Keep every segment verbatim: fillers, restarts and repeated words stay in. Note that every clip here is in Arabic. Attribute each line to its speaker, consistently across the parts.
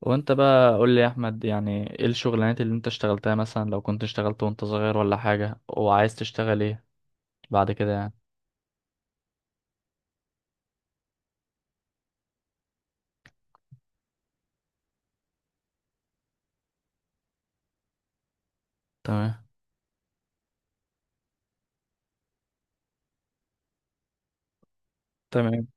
Speaker 1: وانت بقى قول لي يا احمد، يعني ايه الشغلانات اللي انت اشتغلتها؟ مثلا لو كنت اشتغلت وانت صغير ولا حاجة، وعايز تشتغل ايه بعد كده يعني. تمام. تمام.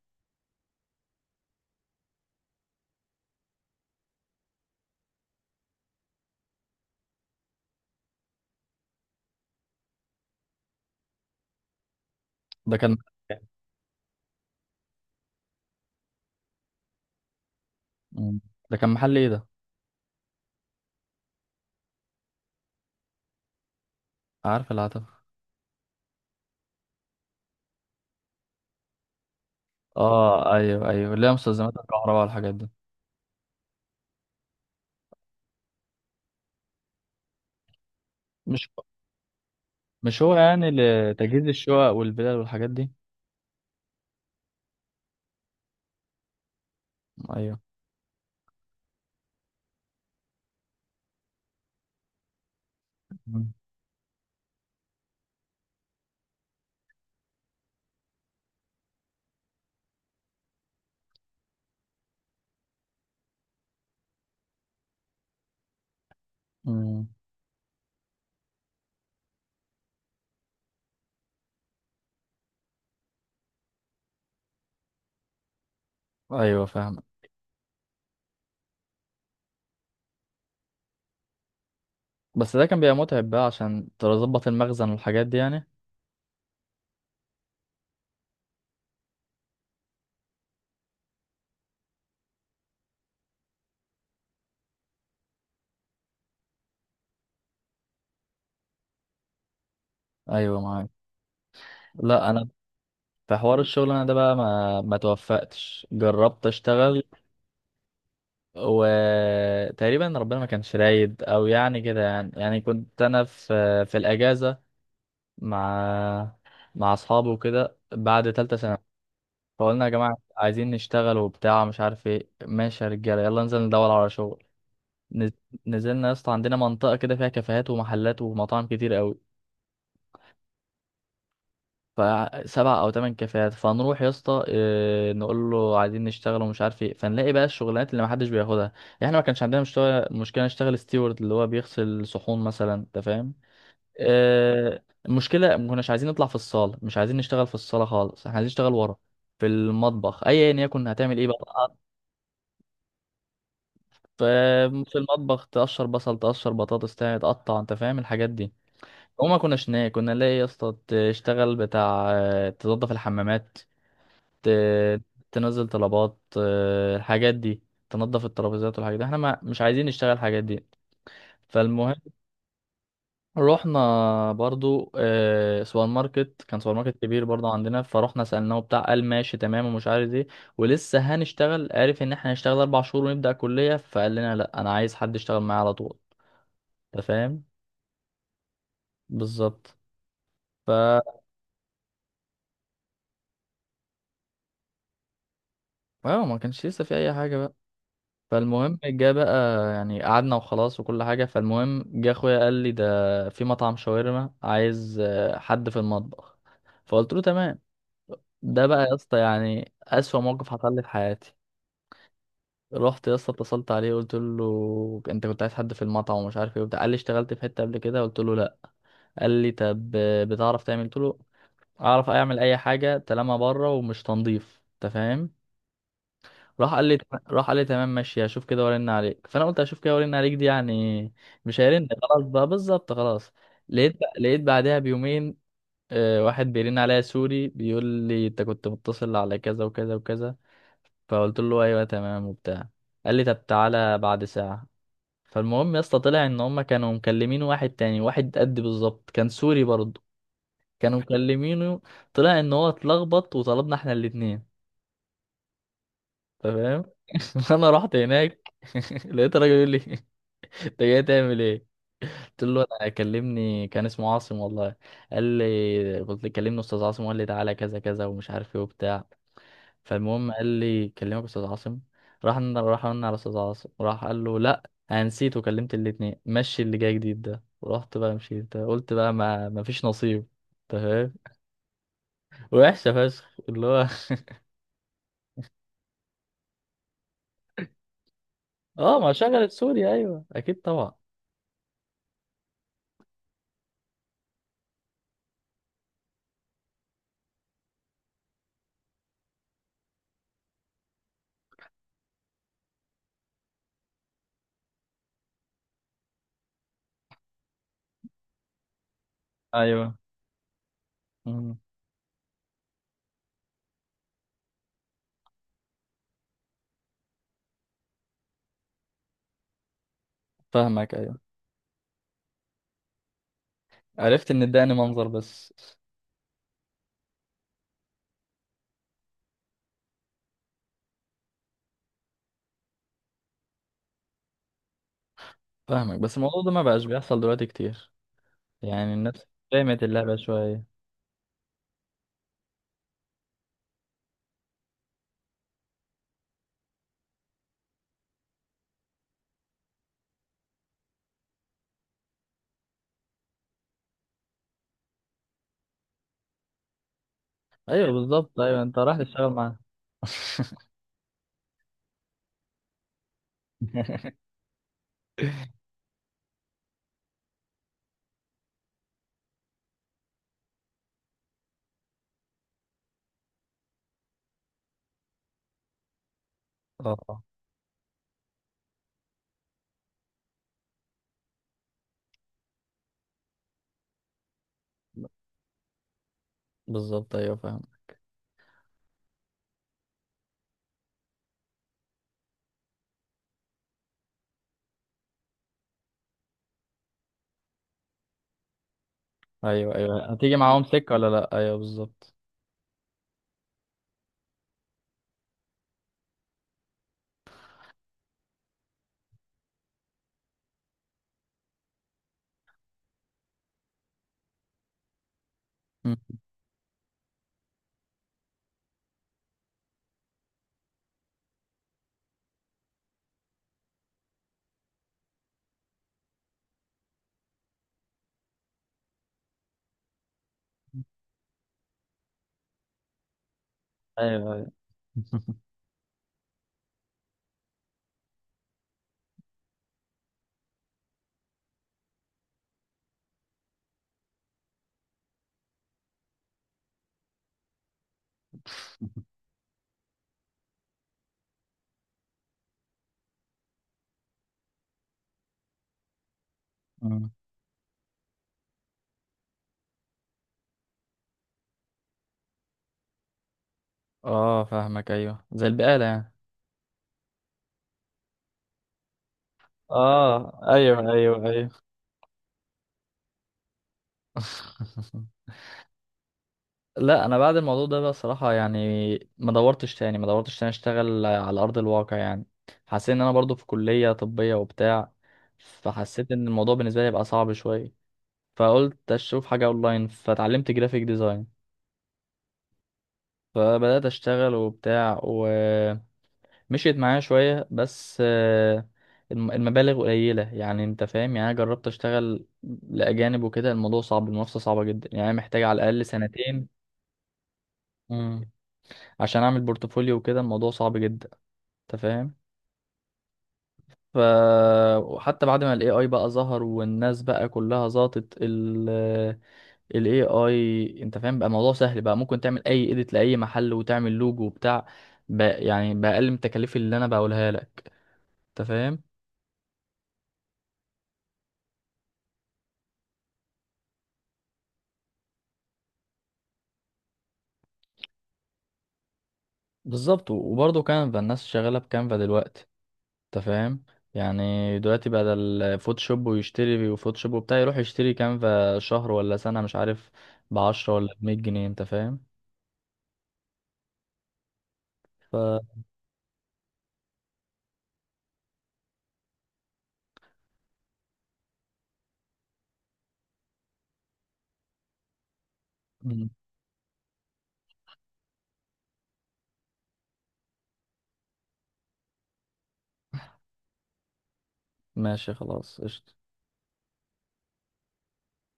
Speaker 1: ده كان. مم. ده كان محل ايه ده؟ عارف العتبة. اه ايوه ايوه، اللي هي مستلزمات الكهرباء والحاجات دي. مش مش هو يعني لتجهيز الشقق والبلال والحاجات دي؟ ايوه. مم. مم. ايوه فاهم. بس ده كان بيبقى متعب بقى عشان تظبط المخزن والحاجات دي يعني؟ ايوه معاك. لا انا، في حوار الشغل انا ده بقى ما ما توفقتش، جربت اشتغل. وتقريبا ربنا ما كانش رايد او يعني كده يعني يعني كنت انا في في الاجازه مع مع اصحابي وكده بعد ثالثه سنه. فقلنا يا جماعه عايزين نشتغل وبتاع مش عارف ايه، ماشي يا رجاله يلا ننزل ندور على شغل. نز- نزلنا يا اسطى، عندنا منطقه كده فيها كافيهات ومحلات ومطاعم كتير قوي. فسبع او ثمان كافيهات، فنروح يا اسطى، آه، نقول له عايزين نشتغل ومش عارف ايه، فنلاقي بقى الشغلانات اللي ما حدش بياخدها يعني. احنا ما كانش عندنا مشتغل مشكله، نشتغل ستيورد اللي هو بيغسل صحون مثلا، انت فاهم. آه، المشكله ما كناش عايزين نطلع في الصاله، مش عايزين نشتغل في الصاله خالص، احنا عايزين نشتغل ورا في المطبخ، ايا يكن هتعمل ايه بقى. ف- في المطبخ تقشر بصل، تقشر بطاطس، تع- تقطع، انت فاهم الحاجات دي. وما كناش ناكل، كنا نلاقي يا اسطى تشتغل بتاع، آه، تنظف الحمامات، ت- تنزل طلبات، آه، الحاجات دي، تنظف الترابيزات والحاجات دي، احنا ما مش عايزين نشتغل الحاجات دي. فالمهم رحنا برضو آه، سوبر ماركت، كان سوبر ماركت كبير برضو عندنا، فرحنا سألناه بتاع، قال ماشي تمام ومش عارف ايه، ولسه هنشتغل، عارف ان احنا هنشتغل اربع شهور ونبدأ كلية، فقال لنا لا انا عايز حد يشتغل معايا على طول، انت فاهم. بالظبط. ف، اه، ما كانش لسه في اي حاجة بقى. فالمهم جه بقى يعني، قعدنا وخلاص وكل حاجة، فالمهم جه اخويا قال لي ده في مطعم شاورما عايز آه، حد في المطبخ. فقلت له تمام. ده بقى يا اسطى يعني أسوأ موقف حصل لي في حياتي. رحت يا اسطى، اتصلت عليه، قلت له انت كنت عايز حد في المطعم ومش عارف ايه وبتاع، قال لي اشتغلت في حتة قبل كده، قلت له لا. قال لي طب آه، بتعرف تعمل؟ قلت له اعرف اعمل اي حاجة طالما بره ومش تنظيف، انت فاهم. راح قال لي راح قال لي تمام ماشي، هشوف كده وارن عليك، فانا قلت هشوف كده وارن عليك دي يعني مش هيرن، خلاص بقى، بالظبط خلاص. لقيت لقيت بعدها بيومين آه، واحد بيرن عليا سوري بيقول لي انت كنت متصل على كذا وكذا وكذا. فقلت له ايوه تمام وبتاع. قال لي طب تعالى بعد ساعة. فالمهم يا اسطى طلع ان هم كانوا مكلمين واحد تاني، واحد قد بالظبط، كان سوري برضه. كانوا مكلمينه. طلع ان هو اتلخبط، وطلبنا احنا الاتنين. تمام. انا رحت هناك. لقيت راجل يقول لي انت جاي تعمل ايه؟ قلت له انا كلمني كان اسمه عاصم والله. قال لي، قلت له كلمني استاذ عاصم، وقال لي تعالى كذا كذا ومش عارف ايه وبتاع. فالمهم قال لي كلمك استاذ عاصم. راح راح قلنا على استاذ عاصم، راح قال له لا انا نسيت وكلمت الاتنين، مشي اللي جاي جديد ده، ورحت بقى، مشيت، قلت بقى ما ما فيش نصيب. تمام. وحشه فشخ اللي هو. اه، ما شغلت سوريا، ايوه اكيد طبعا. ايوه. مم. فاهمك ايوه. عرفت ان اداني منظر بس. فاهمك، بس الموضوع ده ما بقاش بيحصل دلوقتي كتير. يعني الناس فهمت اللعبة شوية. ايوه بالظبط، ايوه انت رايح تشتغل معاه. اه بالظبط، ايوه فاهم. ايوه ايوه، هتيجي معاهم سكة ولا لا، ايوه بالظبط. مم. ايوه ايوه. مم. اه فاهمك ايوه، زي البقالة يعني. اه ايوه ايوه ايوه. لا انا بعد الموضوع ده بقى صراحة يعني، ما دورتش تاني ما دورتش تاني اشتغل على ارض الواقع يعني. حسيت ان انا برضو في كلية طبية وبتاع، فحسيت ان الموضوع بالنسبة لي بقى صعب شوية. فقلت اشوف حاجة اونلاين، فتعلمت جرافيك ديزاين. فبدأت اشتغل وبتاع ومشيت معايا شوية، بس آه، الم- المبالغ قليلة، يعني انت فاهم، يعني انا جربت اشتغل لأجانب وكده، الموضوع صعب، المنافسة صعبة جدا، يعني محتاج على الأقل سنتين عشان اعمل بورتفوليو وكده، الموضوع صعب جدا، انت فاهم. ف، وحتى بعد ما الاي اي بقى ظهر والناس بقى كلها ظبطت ال الاي اي، انت فاهم، بقى الموضوع سهل بقى، ممكن تعمل اي اديت لاي محل وتعمل لوجو وبتاع بقى، يعني باقل من التكاليف اللي انا بقولها لك، انت فاهم. بالظبط، وبرضه كانفا، الناس شغاله بكانفا دلوقتي، انت فاهم. يعني دلوقتي بدل فوتوشوب ويشتري وفوتوشوب وبتاع، يروح يشتري كانفا شهر ولا سنه مش عارف، بعشرة ولا بمية جنيه، انت فاهم. ف، مم. ماشي خلاص قشطة.